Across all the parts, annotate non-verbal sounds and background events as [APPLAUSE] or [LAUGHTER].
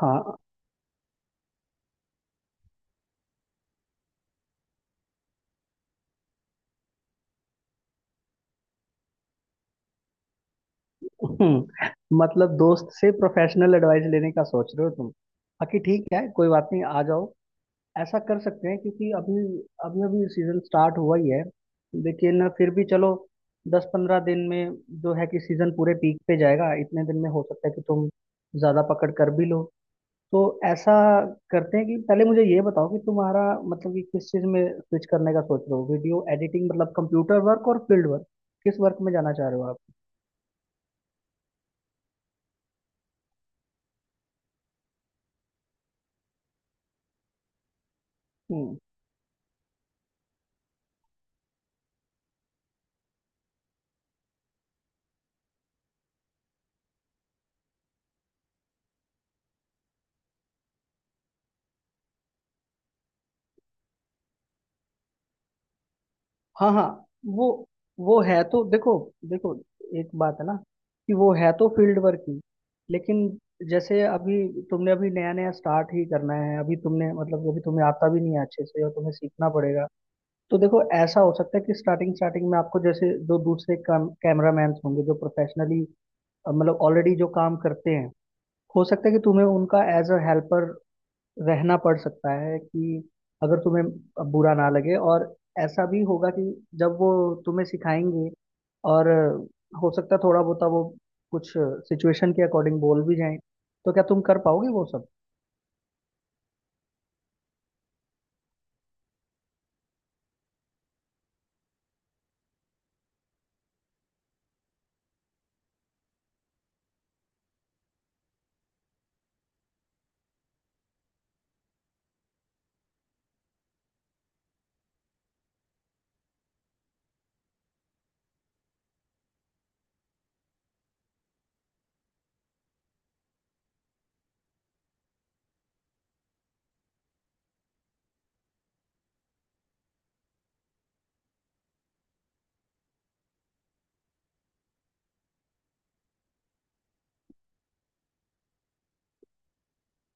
हाँ। [LAUGHS] मतलब दोस्त से प्रोफेशनल एडवाइस लेने का सोच रहे हो तुम। बाकी ठीक है, कोई बात नहीं, आ जाओ। ऐसा कर सकते हैं क्योंकि अभी अभी अभी सीजन स्टार्ट हुआ ही है। लेकिन फिर भी चलो, 10 15 दिन में जो है कि सीजन पूरे पीक पे जाएगा, इतने दिन में हो सकता है कि तुम ज्यादा पकड़ कर भी लो। तो ऐसा करते हैं कि पहले मुझे ये बताओ कि तुम्हारा मतलब कि किस चीज में स्विच करने का सोच रहे हो। वीडियो एडिटिंग मतलब कंप्यूटर वर्क और फील्ड वर्क, किस वर्क में जाना चाह रहे हो आप। हम्म। हाँ हाँ। वो वो है तो देखो, देखो, एक बात है ना कि वो है तो फील्ड वर्क ही, लेकिन जैसे अभी तुमने अभी नया नया स्टार्ट ही करना है। अभी तुमने मतलब अभी तुम्हें आता भी नहीं है अच्छे से और तुम्हें सीखना पड़ेगा। तो देखो, ऐसा हो सकता है कि स्टार्टिंग स्टार्टिंग में आपको जैसे जो दूसरे काम कैमरामैन होंगे जो प्रोफेशनली मतलब ऑलरेडी जो काम करते हैं, हो सकता है कि तुम्हें उनका एज अ हेल्पर रहना पड़ सकता है कि अगर तुम्हें बुरा ना लगे। और ऐसा भी होगा कि जब वो तुम्हें सिखाएंगे और हो सकता है थोड़ा बहुत वो कुछ सिचुएशन के अकॉर्डिंग बोल भी जाएं, तो क्या तुम कर पाओगे वो सब।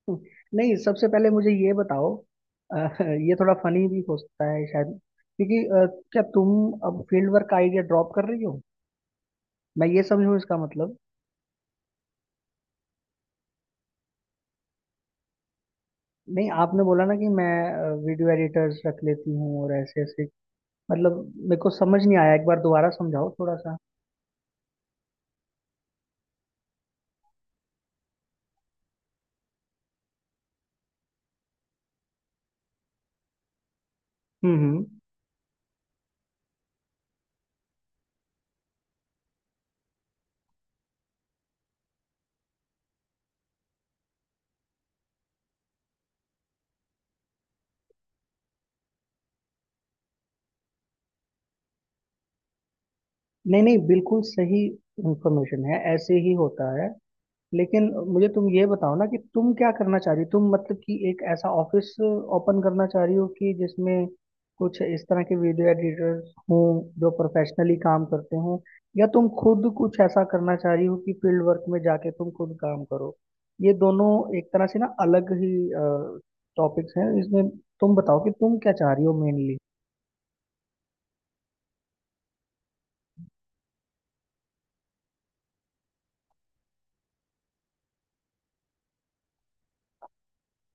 [LAUGHS] नहीं, सबसे पहले मुझे ये बताओ। [LAUGHS] ये थोड़ा फनी भी हो सकता है शायद, क्योंकि क्या तुम अब फील्ड वर्क का आइडिया ड्रॉप कर रही हो, मैं ये समझूं इसका मतलब। नहीं, आपने बोला ना कि मैं वीडियो एडिटर्स रख लेती हूँ और ऐसे ऐसे, मतलब मेरे को समझ नहीं आया, एक बार दोबारा समझाओ थोड़ा सा। हम्म। नहीं नहीं, बिल्कुल सही इंफॉर्मेशन है, ऐसे ही होता है। लेकिन मुझे तुम ये बताओ ना कि तुम क्या करना चाह रही हो। तुम मतलब कि एक ऐसा ऑफिस ओपन करना चाह रही हो कि जिसमें कुछ इस तरह के वीडियो एडिटर्स हों जो प्रोफेशनली काम करते हों, या तुम खुद कुछ ऐसा करना चाह रही हो कि फील्ड वर्क में जाके तुम खुद काम करो। ये दोनों एक तरह से ना अलग ही टॉपिक्स हैं इसमें। तुम बताओ कि तुम क्या चाह रही हो मेनली।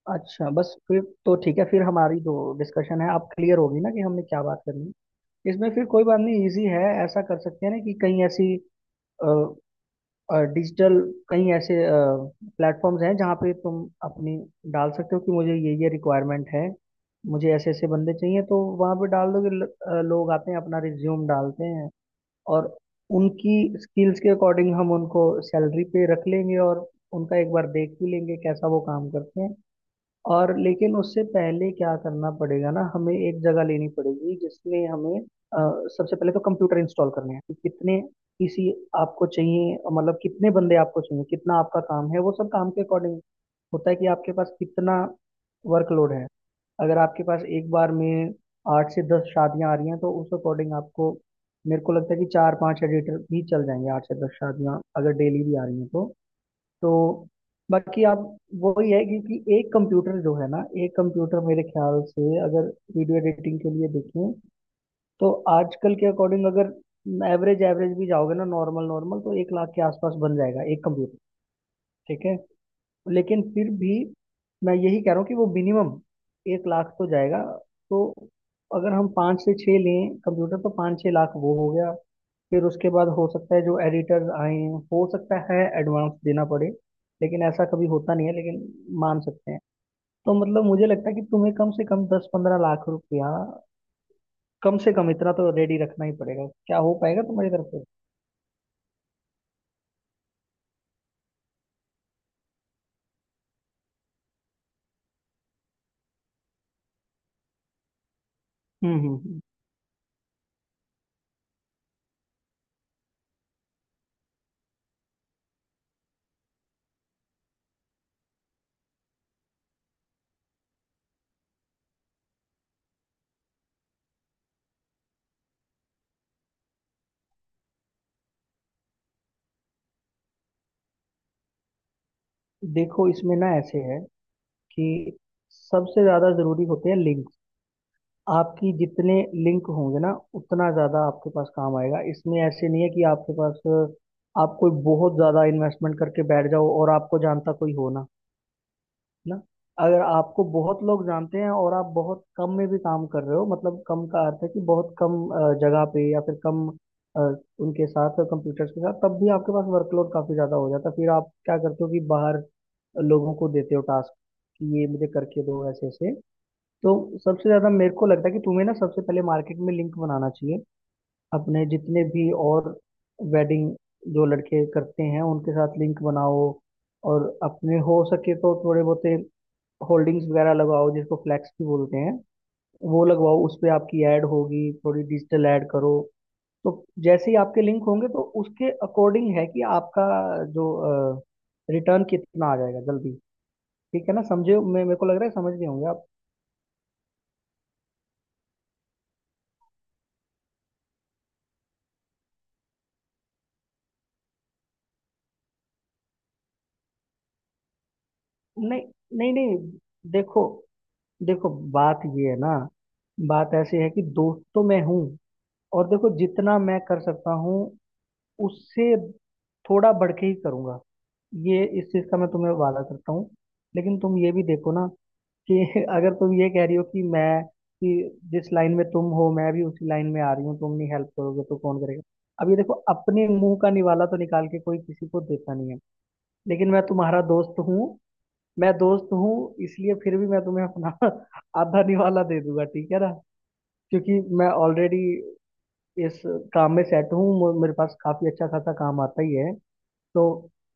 अच्छा, बस फिर तो ठीक है, फिर हमारी जो डिस्कशन है अब क्लियर होगी ना कि हमने क्या बात करनी है। इसमें फिर कोई बात नहीं, इजी है। ऐसा कर सकते हैं ना कि कहीं ऐसी डिजिटल, कहीं ऐसे प्लेटफॉर्म्स हैं जहाँ पे तुम अपनी डाल सकते हो कि मुझे ये रिक्वायरमेंट है, मुझे ऐसे ऐसे बंदे चाहिए, तो वहाँ पे डाल दोगे। लोग आते हैं अपना रिज्यूम डालते हैं, और उनकी स्किल्स के अकॉर्डिंग हम उनको सैलरी पे रख लेंगे और उनका एक बार देख भी लेंगे कैसा वो काम करते हैं। और लेकिन उससे पहले क्या करना पड़ेगा ना, हमें एक जगह लेनी पड़ेगी जिसमें हमें सबसे पहले तो कंप्यूटर इंस्टॉल करने हैं कि कितने पीसी आपको चाहिए, मतलब कितने बंदे आपको चाहिए, कितना आपका काम है। वो सब काम के अकॉर्डिंग होता है कि आपके पास कितना वर्कलोड है। अगर आपके पास एक बार में 8 से 10 शादियां आ रही हैं तो उस अकॉर्डिंग आपको, मेरे को लगता है कि 4 5 एडिटर भी चल जाएंगे, 8 से 10 शादियां अगर डेली भी आ रही हैं तो। तो बाकी आप वही है क्योंकि एक कंप्यूटर जो है ना, एक कंप्यूटर मेरे ख्याल से अगर वीडियो एडिटिंग के लिए देखें, तो आजकल के अकॉर्डिंग अगर एवरेज एवरेज भी जाओगे ना नॉर्मल नॉर्मल, तो 1 लाख के आसपास बन जाएगा एक कंप्यूटर, ठीक है। लेकिन फिर भी मैं यही कह रहा हूँ कि वो मिनिमम 1 लाख तो जाएगा। तो अगर हम 5 से 6 लें कंप्यूटर, तो 5 6 लाख वो हो गया। फिर उसके बाद हो सकता है जो एडिटर्स आए हैं हो सकता है एडवांस देना पड़े, लेकिन ऐसा कभी होता नहीं है, लेकिन मान सकते हैं। तो मतलब मुझे लगता है कि तुम्हें कम से कम 10 15 लाख रुपया, कम से कम इतना तो रेडी रखना ही पड़ेगा। क्या हो पाएगा तुम्हारी तरफ से। हम्म हम्म हम्म। देखो इसमें ना ऐसे है कि सबसे ज्यादा जरूरी होते हैं लिंक्स। आपकी जितने लिंक होंगे ना उतना ज़्यादा आपके पास काम आएगा। इसमें ऐसे नहीं है कि आपके पास, आप कोई बहुत ज़्यादा इन्वेस्टमेंट करके बैठ जाओ और आपको जानता कोई हो ना, है ना। अगर आपको बहुत लोग जानते हैं और आप बहुत कम में भी काम कर रहे हो, मतलब कम का अर्थ है कि बहुत कम जगह पे या फिर कम अ, उनके साथ कंप्यूटर्स के साथ, तब भी आपके पास वर्कलोड काफ़ी ज़्यादा हो जाता है। फिर आप क्या करते हो कि बाहर लोगों को देते हो टास्क कि ये मुझे करके दो ऐसे ऐसे। तो सबसे ज्यादा मेरे को लगता है कि तुम्हें ना सबसे पहले मार्केट में लिंक बनाना चाहिए, अपने जितने भी और वेडिंग जो लड़के करते हैं उनके साथ लिंक बनाओ। और अपने हो सके तो थोड़े बहुत होल्डिंग्स वगैरह लगाओ, जिसको फ्लैक्स भी बोलते हैं, वो लगवाओ, उस पे आपकी ऐड होगी, थोड़ी डिजिटल ऐड करो। तो जैसे ही आपके लिंक होंगे तो उसके अकॉर्डिंग है कि आपका जो रिटर्न कितना आ जाएगा जल्दी। ठीक है ना, समझे। मैं, मेरे को लग रहा है समझ गए होंगे आप। नहीं नहीं नहीं, देखो, देखो, बात ये है ना, बात ऐसी है कि दोस्त तो मैं हूँ, और देखो जितना मैं कर सकता हूँ उससे थोड़ा बढ़ के ही करूँगा, ये इस चीज़ का मैं तुम्हें वादा करता हूँ। लेकिन तुम ये भी देखो ना कि [LAUGHS] अगर तुम ये कह रही हो कि मैं, कि जिस लाइन में तुम हो मैं भी उसी लाइन में आ रही हूँ, तुम नहीं हेल्प करोगे तो कौन करेगा। अब ये देखो, अपने मुंह का निवाला तो निकाल के कोई किसी को देता नहीं है, लेकिन मैं तुम्हारा दोस्त हूँ, मैं दोस्त हूँ, इसलिए फिर भी मैं तुम्हें अपना [LAUGHS] आधा निवाला दे दूंगा, ठीक है ना। क्योंकि मैं ऑलरेडी इस काम में सेट हूँ, मेरे पास काफी अच्छा खासा काम आता ही है। तो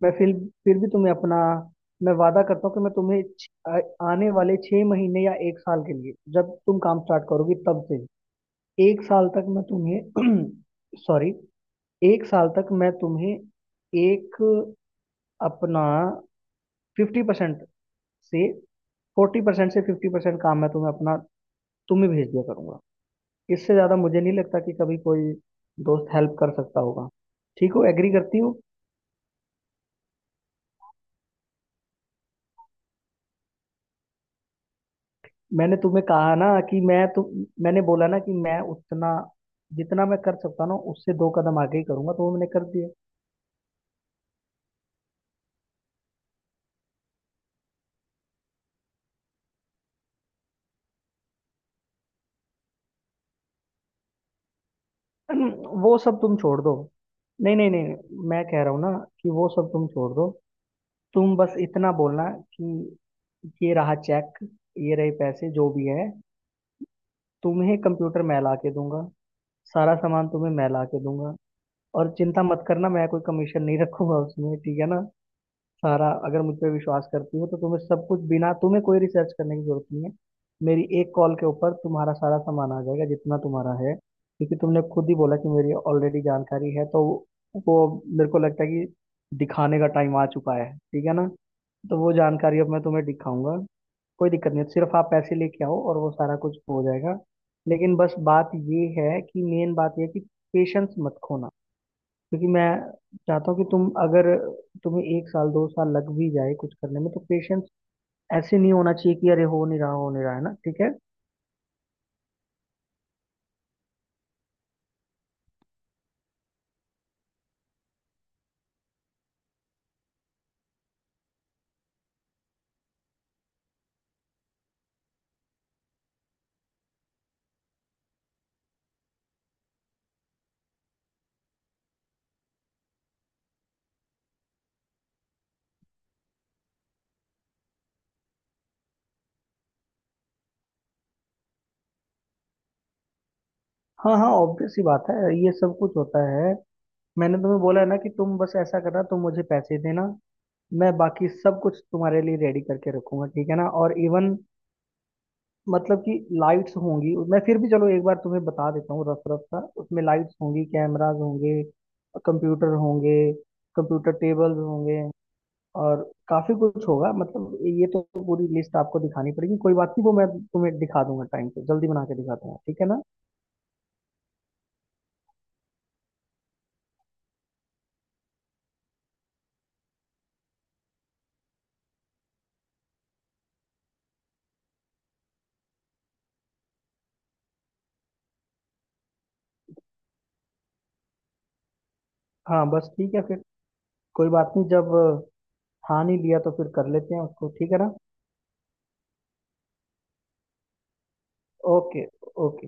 मैं फिर भी तुम्हें अपना, मैं वादा करता हूँ कि मैं तुम्हें आने वाले 6 महीने या 1 साल के लिए, जब तुम काम स्टार्ट करोगी तब से 1 साल तक मैं तुम्हें [CLEARS THROAT] सॉरी, 1 साल तक मैं तुम्हें एक अपना 50% से, 40% से 50% काम मैं तुम्हें अपना, तुम ही भेज दिया करूंगा। इससे ज्यादा मुझे नहीं लगता कि कभी कोई दोस्त हेल्प कर सकता होगा। ठीक हो, एग्री करती हो। मैंने तुम्हें कहा ना कि मैं तुम, मैंने बोला ना कि मैं उतना, जितना मैं कर सकता ना उससे 2 कदम आगे ही करूंगा, तो वो मैंने कर दिया। [CLEARS THROAT] वो सब तुम छोड़ दो, नहीं नहीं नहीं, मैं कह रहा हूँ ना कि वो सब तुम छोड़ दो। तुम बस इतना बोलना कि ये रहा चेक, ये रहे पैसे जो भी है, तुम्हें कंप्यूटर मैं ला के दूंगा, सारा सामान तुम्हें मैं ला के दूंगा। और चिंता मत करना, मैं कोई कमीशन नहीं रखूंगा उसमें, ठीक है ना। सारा, अगर मुझ पे विश्वास करती हो तो तुम्हें सब कुछ, बिना तुम्हें कोई रिसर्च करने की जरूरत नहीं है, मेरी एक कॉल के ऊपर तुम्हारा सारा सामान आ जाएगा जितना तुम्हारा है। क्योंकि तुमने खुद ही बोला कि मेरी ऑलरेडी जानकारी है, तो वो, मेरे को लगता है कि दिखाने का टाइम आ चुका है, ठीक है ना। तो वो जानकारी अब मैं तुम्हें दिखाऊंगा। कोई दिक्कत नहीं है, सिर्फ आप पैसे लेके आओ और वो सारा कुछ हो जाएगा। लेकिन बस बात ये है कि मेन बात ये है कि पेशेंस मत खोना, क्योंकि मैं चाहता हूँ कि तुम, अगर तुम्हें 1 साल 2 साल लग भी जाए कुछ करने में, तो पेशेंस ऐसे नहीं होना चाहिए कि अरे हो नहीं रहा, हो नहीं रहा, है ना, ठीक है। हाँ हाँ, ऑब्वियस सी बात है, ये सब कुछ होता है। मैंने तुम्हें बोला है ना कि तुम बस ऐसा करना, तुम मुझे पैसे देना, मैं बाकी सब कुछ तुम्हारे लिए रेडी करके रखूंगा, ठीक है ना। और इवन मतलब कि लाइट्स होंगी, मैं फिर भी चलो एक बार तुम्हें बता देता हूँ रफ रफ सा, उसमें लाइट्स होंगी, कैमराज होंगे, कंप्यूटर होंगे, कंप्यूटर टेबल्स होंगे, और काफी कुछ होगा। मतलब ये तो पूरी लिस्ट आपको दिखानी पड़ेगी, कोई बात नहीं, वो मैं तुम्हें दिखा दूंगा टाइम पे, जल्दी बना के दिखा दूंगा, ठीक है ना। हाँ, बस ठीक है फिर, कोई बात नहीं, जब ठान ही लिया तो फिर कर लेते हैं उसको, ठीक है ना। ओके। ओके।